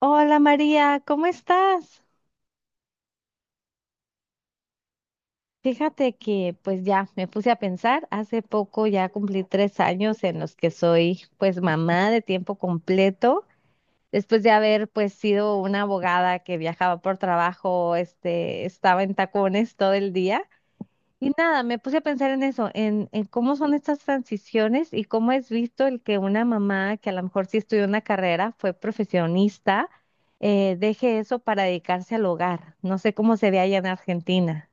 Hola María, ¿cómo estás? Fíjate que pues ya me puse a pensar, hace poco ya cumplí 3 años en los que soy pues mamá de tiempo completo, después de haber pues sido una abogada que viajaba por trabajo, estaba en tacones todo el día. Y nada, me puse a pensar en eso, en cómo son estas transiciones y cómo es visto el que una mamá que a lo mejor sí estudió una carrera, fue profesionista, deje eso para dedicarse al hogar. No sé cómo se ve allá en Argentina.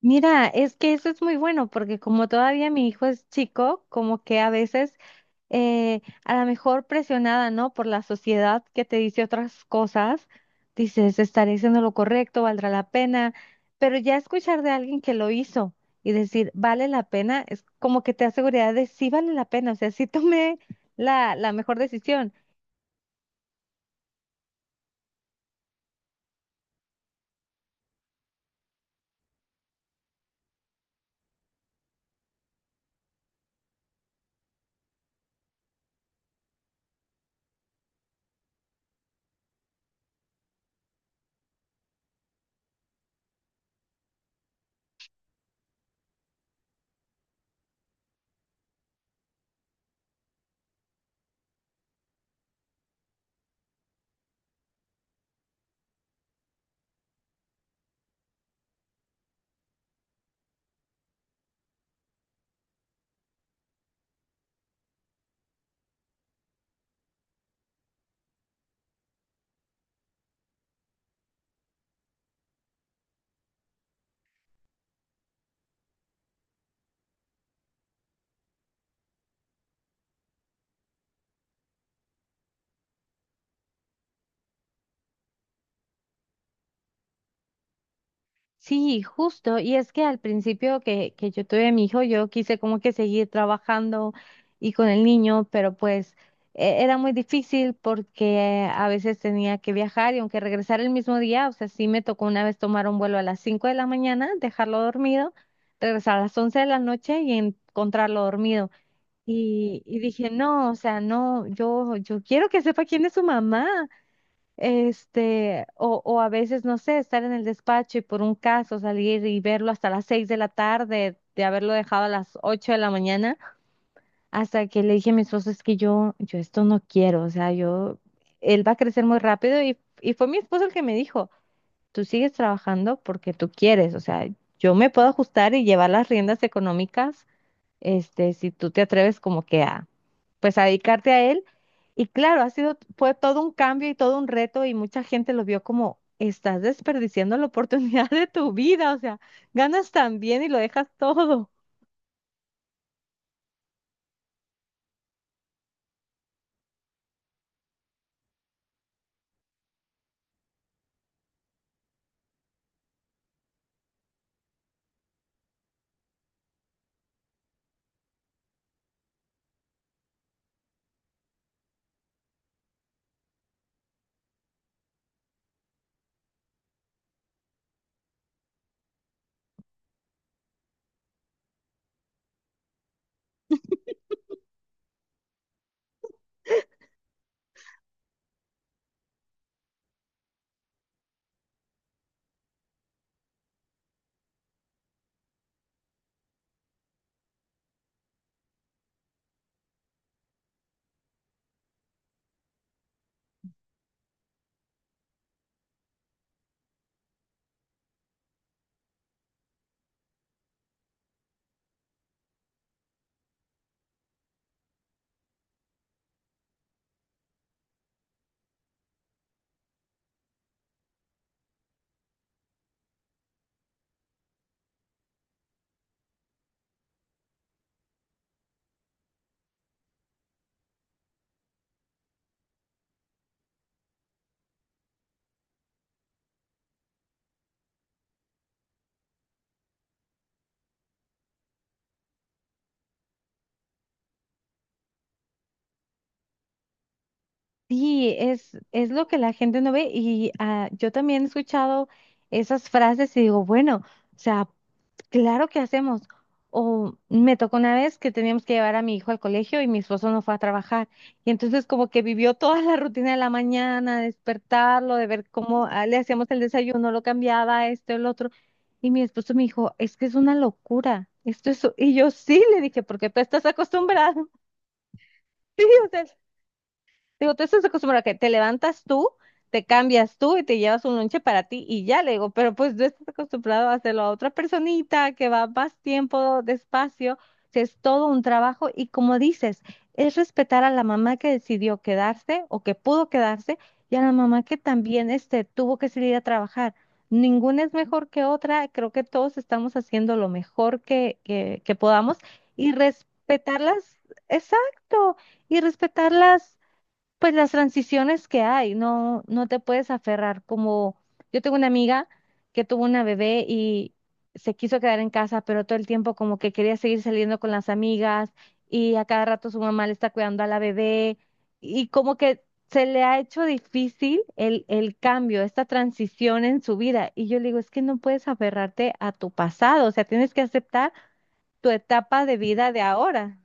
Mira, es que eso es muy bueno porque como todavía mi hijo es chico, como que a veces a lo mejor presionada, ¿no? Por la sociedad que te dice otras cosas, dices, estaré haciendo lo correcto, valdrá la pena, pero ya escuchar de alguien que lo hizo y decir, vale la pena, es como que te da seguridad de sí vale la pena, o sea, sí tomé la mejor decisión. Sí, justo. Y es que al principio que yo tuve a mi hijo, yo quise como que seguir trabajando y con el niño, pero pues era muy difícil porque a veces tenía que viajar y aunque regresara el mismo día, o sea, sí me tocó una vez tomar un vuelo a las 5 de la mañana, dejarlo dormido, regresar a las 11 de la noche y encontrarlo dormido. Y dije, no, o sea, no, yo quiero que sepa quién es su mamá, o a veces, no sé, estar en el despacho y por un caso salir y verlo hasta las 6 de la tarde, de haberlo dejado a las 8 de la mañana, hasta que le dije a mi esposo, es que yo esto no quiero, o sea, yo, él va a crecer muy rápido y fue mi esposo el que me dijo, tú sigues trabajando porque tú quieres, o sea, yo me puedo ajustar y llevar las riendas económicas, si tú te atreves como que a, pues a dedicarte a él. Y claro, ha sido, fue todo un cambio y todo un reto y mucha gente lo vio como, estás desperdiciando la oportunidad de tu vida, o sea, ganas tan bien y lo dejas todo. Sí, es lo que la gente no ve y ah, yo también he escuchado esas frases y digo, bueno, o sea, claro que hacemos. O me tocó una vez que teníamos que llevar a mi hijo al colegio y mi esposo no fue a trabajar. Y entonces como que vivió toda la rutina de la mañana, despertarlo, de ver cómo ah, le hacíamos el desayuno, lo cambiaba, esto, el otro. Y mi esposo me dijo, es que es una locura. Esto es. Y yo sí le dije, porque tú estás acostumbrado. Sí, o sea, digo, tú estás acostumbrada a que te levantas tú, te cambias tú y te llevas un lonche para ti y ya le digo, pero pues tú estás acostumbrado a hacerlo a otra personita que va más tiempo, despacio, si es todo un trabajo y como dices, es respetar a la mamá que decidió quedarse o que pudo quedarse y a la mamá que también, tuvo que salir a trabajar. Ninguna es mejor que otra, creo que todos estamos haciendo lo mejor que podamos y respetarlas, exacto, y respetarlas pues las transiciones que hay, no, no te puedes aferrar como yo tengo una amiga que tuvo una bebé y se quiso quedar en casa, pero todo el tiempo como que quería seguir saliendo con las amigas y a cada rato su mamá le está cuidando a la bebé y como que se le ha hecho difícil el cambio, esta transición en su vida. Y yo le digo, es que no puedes aferrarte a tu pasado, o sea, tienes que aceptar tu etapa de vida de ahora.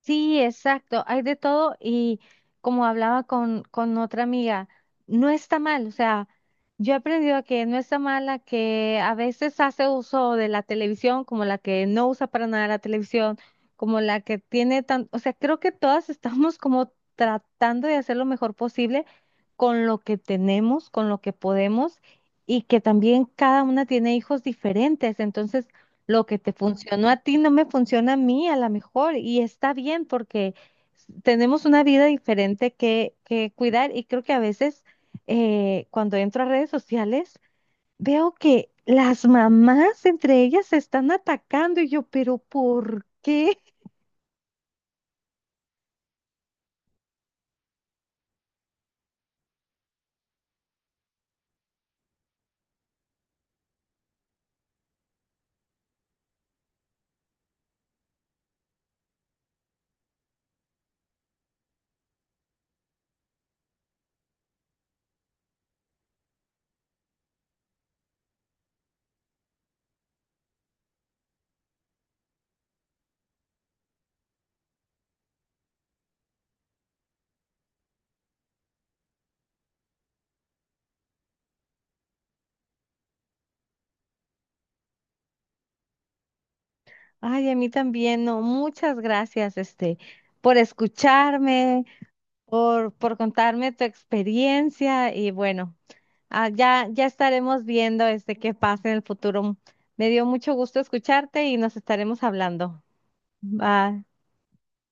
Sí, exacto, hay de todo y como hablaba con otra amiga, no está mal, o sea, yo he aprendido a que no está mal la que a veces hace uso de la televisión, como la que no usa para nada la televisión, como la que tiene tan, o sea, creo que todas estamos como tratando de hacer lo mejor posible con lo que tenemos, con lo que podemos y que también cada una tiene hijos diferentes, entonces lo que te funcionó a ti no me funciona a mí, a lo mejor, y está bien porque tenemos una vida diferente que cuidar y creo que a veces cuando entro a redes sociales veo que las mamás entre ellas se están atacando y yo, pero ¿por qué? Ay, a mí también, no, muchas gracias, por escucharme, por contarme tu experiencia y bueno, ah, ya, ya estaremos viendo qué pasa en el futuro. Me dio mucho gusto escucharte y nos estaremos hablando. Bye.